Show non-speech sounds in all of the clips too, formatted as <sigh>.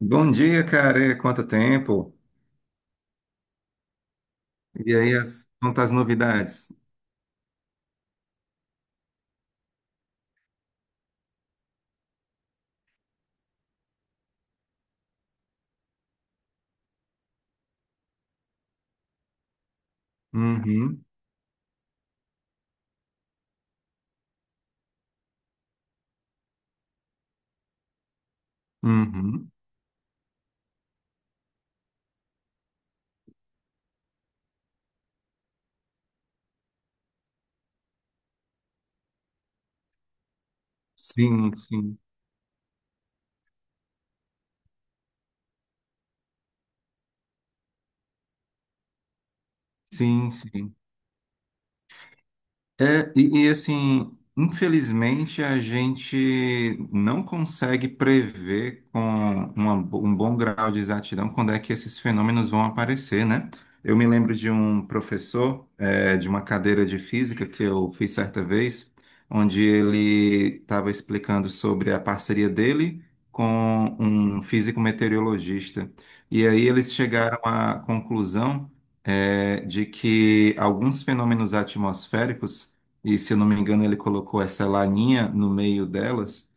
Bom dia, cara. Quanto tempo? E aí, quantas novidades? Uhum, uhum. Sim, sim, sim, sim. Assim, infelizmente a gente não consegue prever com um bom grau de exatidão quando é que esses fenômenos vão aparecer, né? Eu me lembro de um professor, de uma cadeira de física que eu fiz certa vez, onde ele estava explicando sobre a parceria dele com um físico meteorologista. E aí eles chegaram à conclusão, de que alguns fenômenos atmosféricos e se eu não me engano, ele colocou essa laninha no meio delas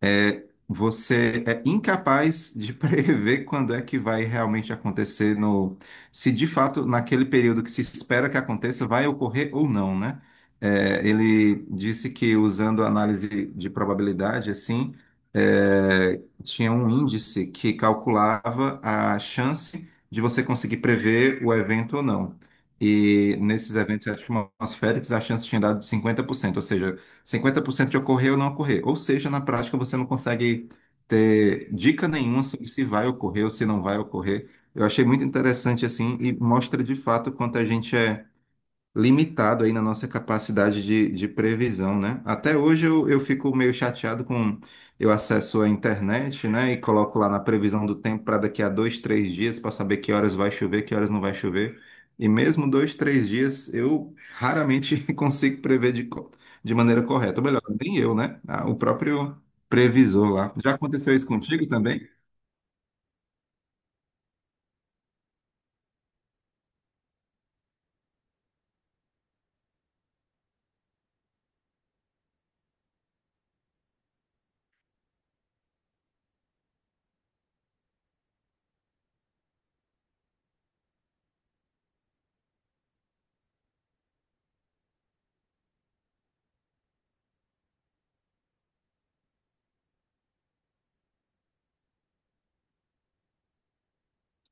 você é incapaz de <laughs> prever quando é que vai realmente acontecer se de fato naquele período que se espera que aconteça vai ocorrer ou não, né? Ele disse que usando a análise de probabilidade, assim, tinha um índice que calculava a chance de você conseguir prever o evento ou não. E nesses eventos atmosféricos, a chance tinha dado 50%, ou seja, 50% de ocorrer ou não ocorrer. Ou seja, na prática você não consegue ter dica nenhuma sobre se vai ocorrer ou se não vai ocorrer. Eu achei muito interessante assim e mostra de fato quanto a gente é limitado aí na nossa capacidade de previsão, né? Até hoje eu fico meio chateado com... Eu acesso a internet, né, e coloco lá na previsão do tempo para daqui a dois, três dias para saber que horas vai chover, que horas não vai chover. E mesmo dois, três dias, eu raramente <laughs> consigo prever de maneira correta. Ou melhor, nem eu, né? Ah, o próprio previsor lá. Já aconteceu isso contigo também?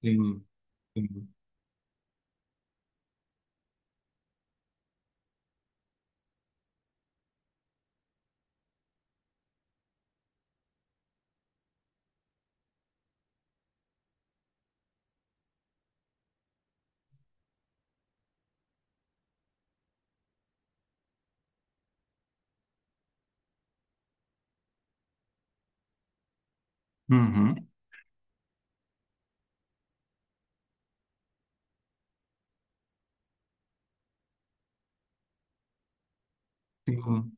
Sim. Sim. Uhum. Sim.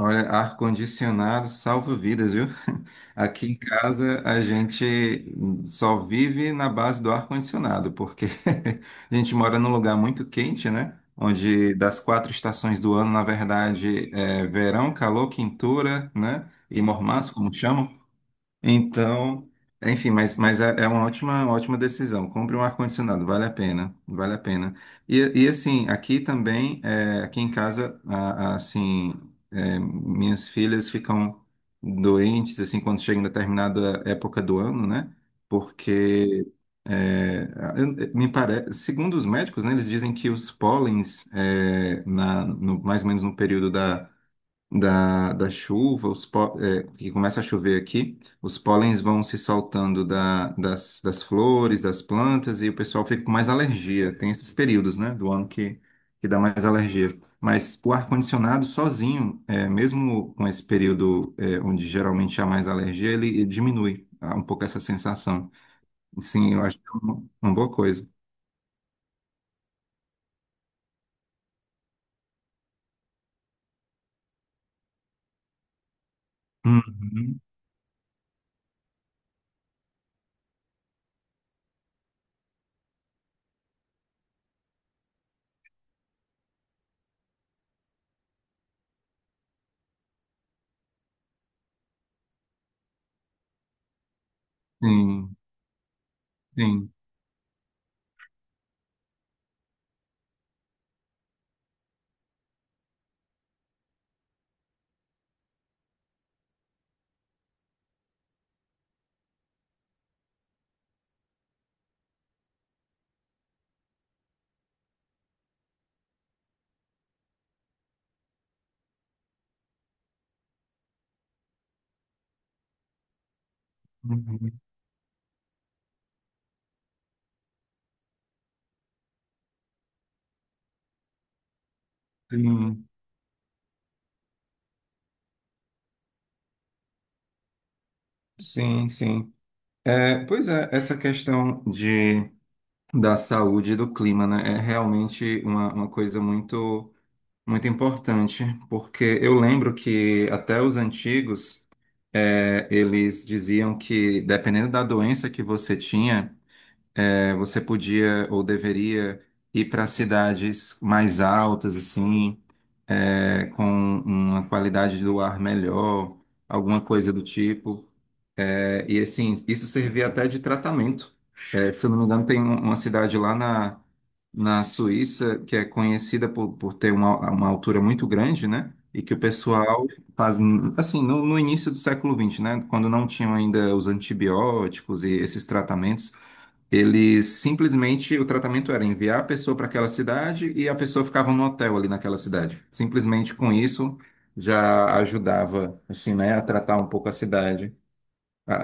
Olha, ar-condicionado salva vidas, viu? <laughs> Aqui em casa a gente só vive na base do ar-condicionado, porque <laughs> a gente mora num lugar muito quente, né? Onde das quatro estações do ano, na verdade, é verão, calor, quintura, né? E mormaço, como chamam. Então, enfim, mas, é uma ótima decisão. Compre um ar-condicionado, vale a pena, vale a pena. E assim, aqui também, aqui em casa, assim, minhas filhas ficam doentes, assim, quando chega em determinada época do ano, né? Porque, é, me parece, segundo os médicos, né, eles dizem que os pólens, é, na, no, mais ou menos no período da chuva, que começa a chover aqui, os pólens vão se soltando das flores, das plantas, e o pessoal fica com mais alergia. Tem esses períodos, né, do ano que dá mais alergia. Mas o ar-condicionado sozinho, mesmo com esse período, onde geralmente há mais alergia, ele diminui um pouco essa sensação. Sim, eu acho que é uma boa coisa. Uhum. Sim, sim. Uhum. Sim, sim, sim. É, pois é, essa questão da saúde e do clima, né, é realmente uma coisa muito importante, porque eu lembro que até os antigos, eles diziam que dependendo da doença que você tinha, você podia ou deveria ir para cidades mais altas, assim, com uma qualidade do ar melhor, alguma coisa do tipo. É, e assim, isso servia até de tratamento. É, se eu não me engano, tem uma cidade lá na Suíça que é conhecida por ter uma altura muito grande, né? E que o pessoal faz, assim, no início do século XX, né? Quando não tinham ainda os antibióticos e esses tratamentos, eles simplesmente, o tratamento era enviar a pessoa para aquela cidade e a pessoa ficava no hotel ali naquela cidade. Simplesmente com isso já ajudava, assim, né, a tratar um pouco a cidade. A,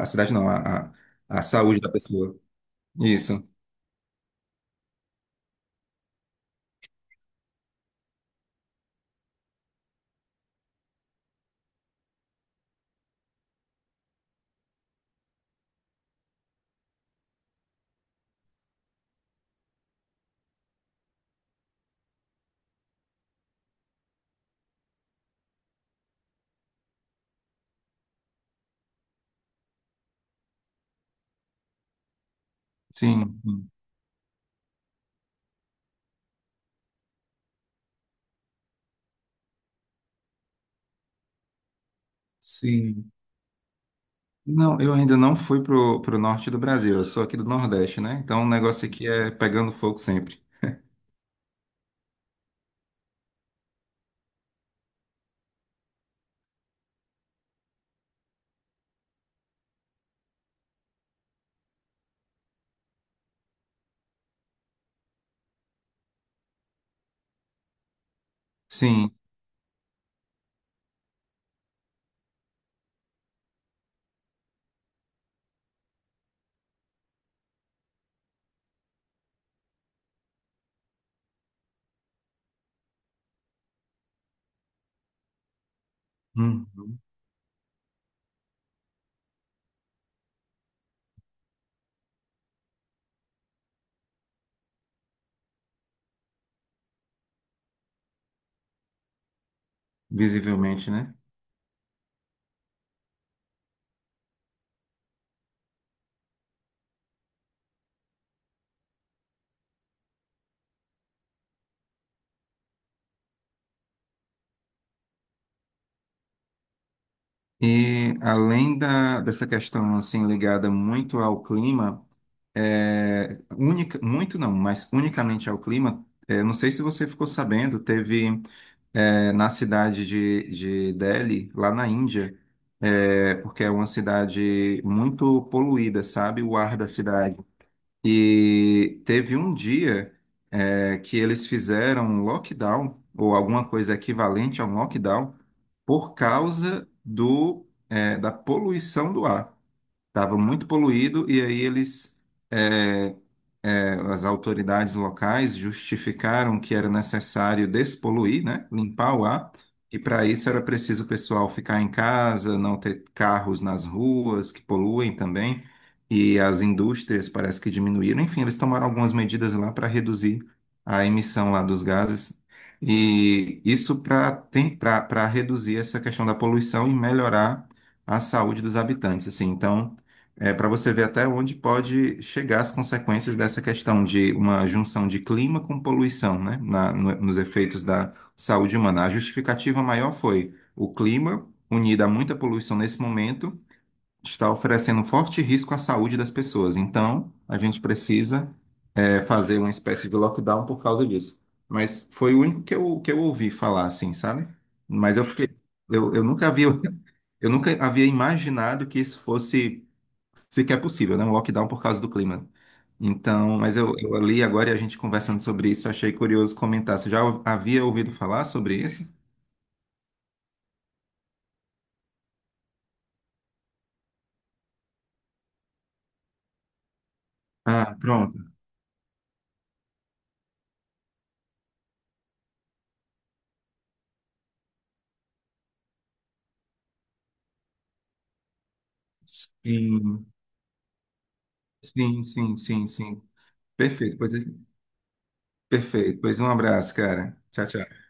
a, A cidade não, a saúde da pessoa. Isso. Sim, sim. Não, eu ainda não fui pro norte do Brasil, eu sou aqui do Nordeste, né? Então o negócio aqui é pegando fogo sempre. Sim, uhum. Visivelmente, né? E além dessa questão assim ligada muito ao clima, é, única, muito não, mas unicamente ao clima, é, não sei se você ficou sabendo, teve. É, na cidade de Delhi, lá na Índia, é, porque é uma cidade muito poluída, sabe? O ar da cidade. E teve um dia, que eles fizeram um lockdown, ou alguma coisa equivalente a um lockdown, por causa da poluição do ar. Estava muito poluído e aí eles. é, As autoridades locais justificaram que era necessário despoluir, né, limpar o ar, e para isso era preciso o pessoal ficar em casa, não ter carros nas ruas que poluem também, e as indústrias parece que diminuíram. Enfim, eles tomaram algumas medidas lá para reduzir a emissão lá dos gases. E isso para reduzir essa questão da poluição e melhorar a saúde dos habitantes. Assim, então, é, para você ver até onde pode chegar as consequências dessa questão de uma junção de clima com poluição, né, nos efeitos da saúde humana. A justificativa maior foi o clima, unido a muita poluição nesse momento, está oferecendo forte risco à saúde das pessoas. Então, a gente precisa, é, fazer uma espécie de lockdown por causa disso. Mas foi o único que que eu ouvi falar, assim, sabe? Mas eu fiquei, eu nunca havia <laughs> eu nunca havia imaginado que isso fosse sequer possível, né? Um lockdown por causa do clima. Então, mas eu li agora e a gente conversando sobre isso, achei curioso comentar. Você já havia ouvido falar sobre isso? Ah, pronto. Sim, sim, sim, sim, sim. Perfeito, pois, perfeito. Pois um abraço, cara. Tchau, tchau.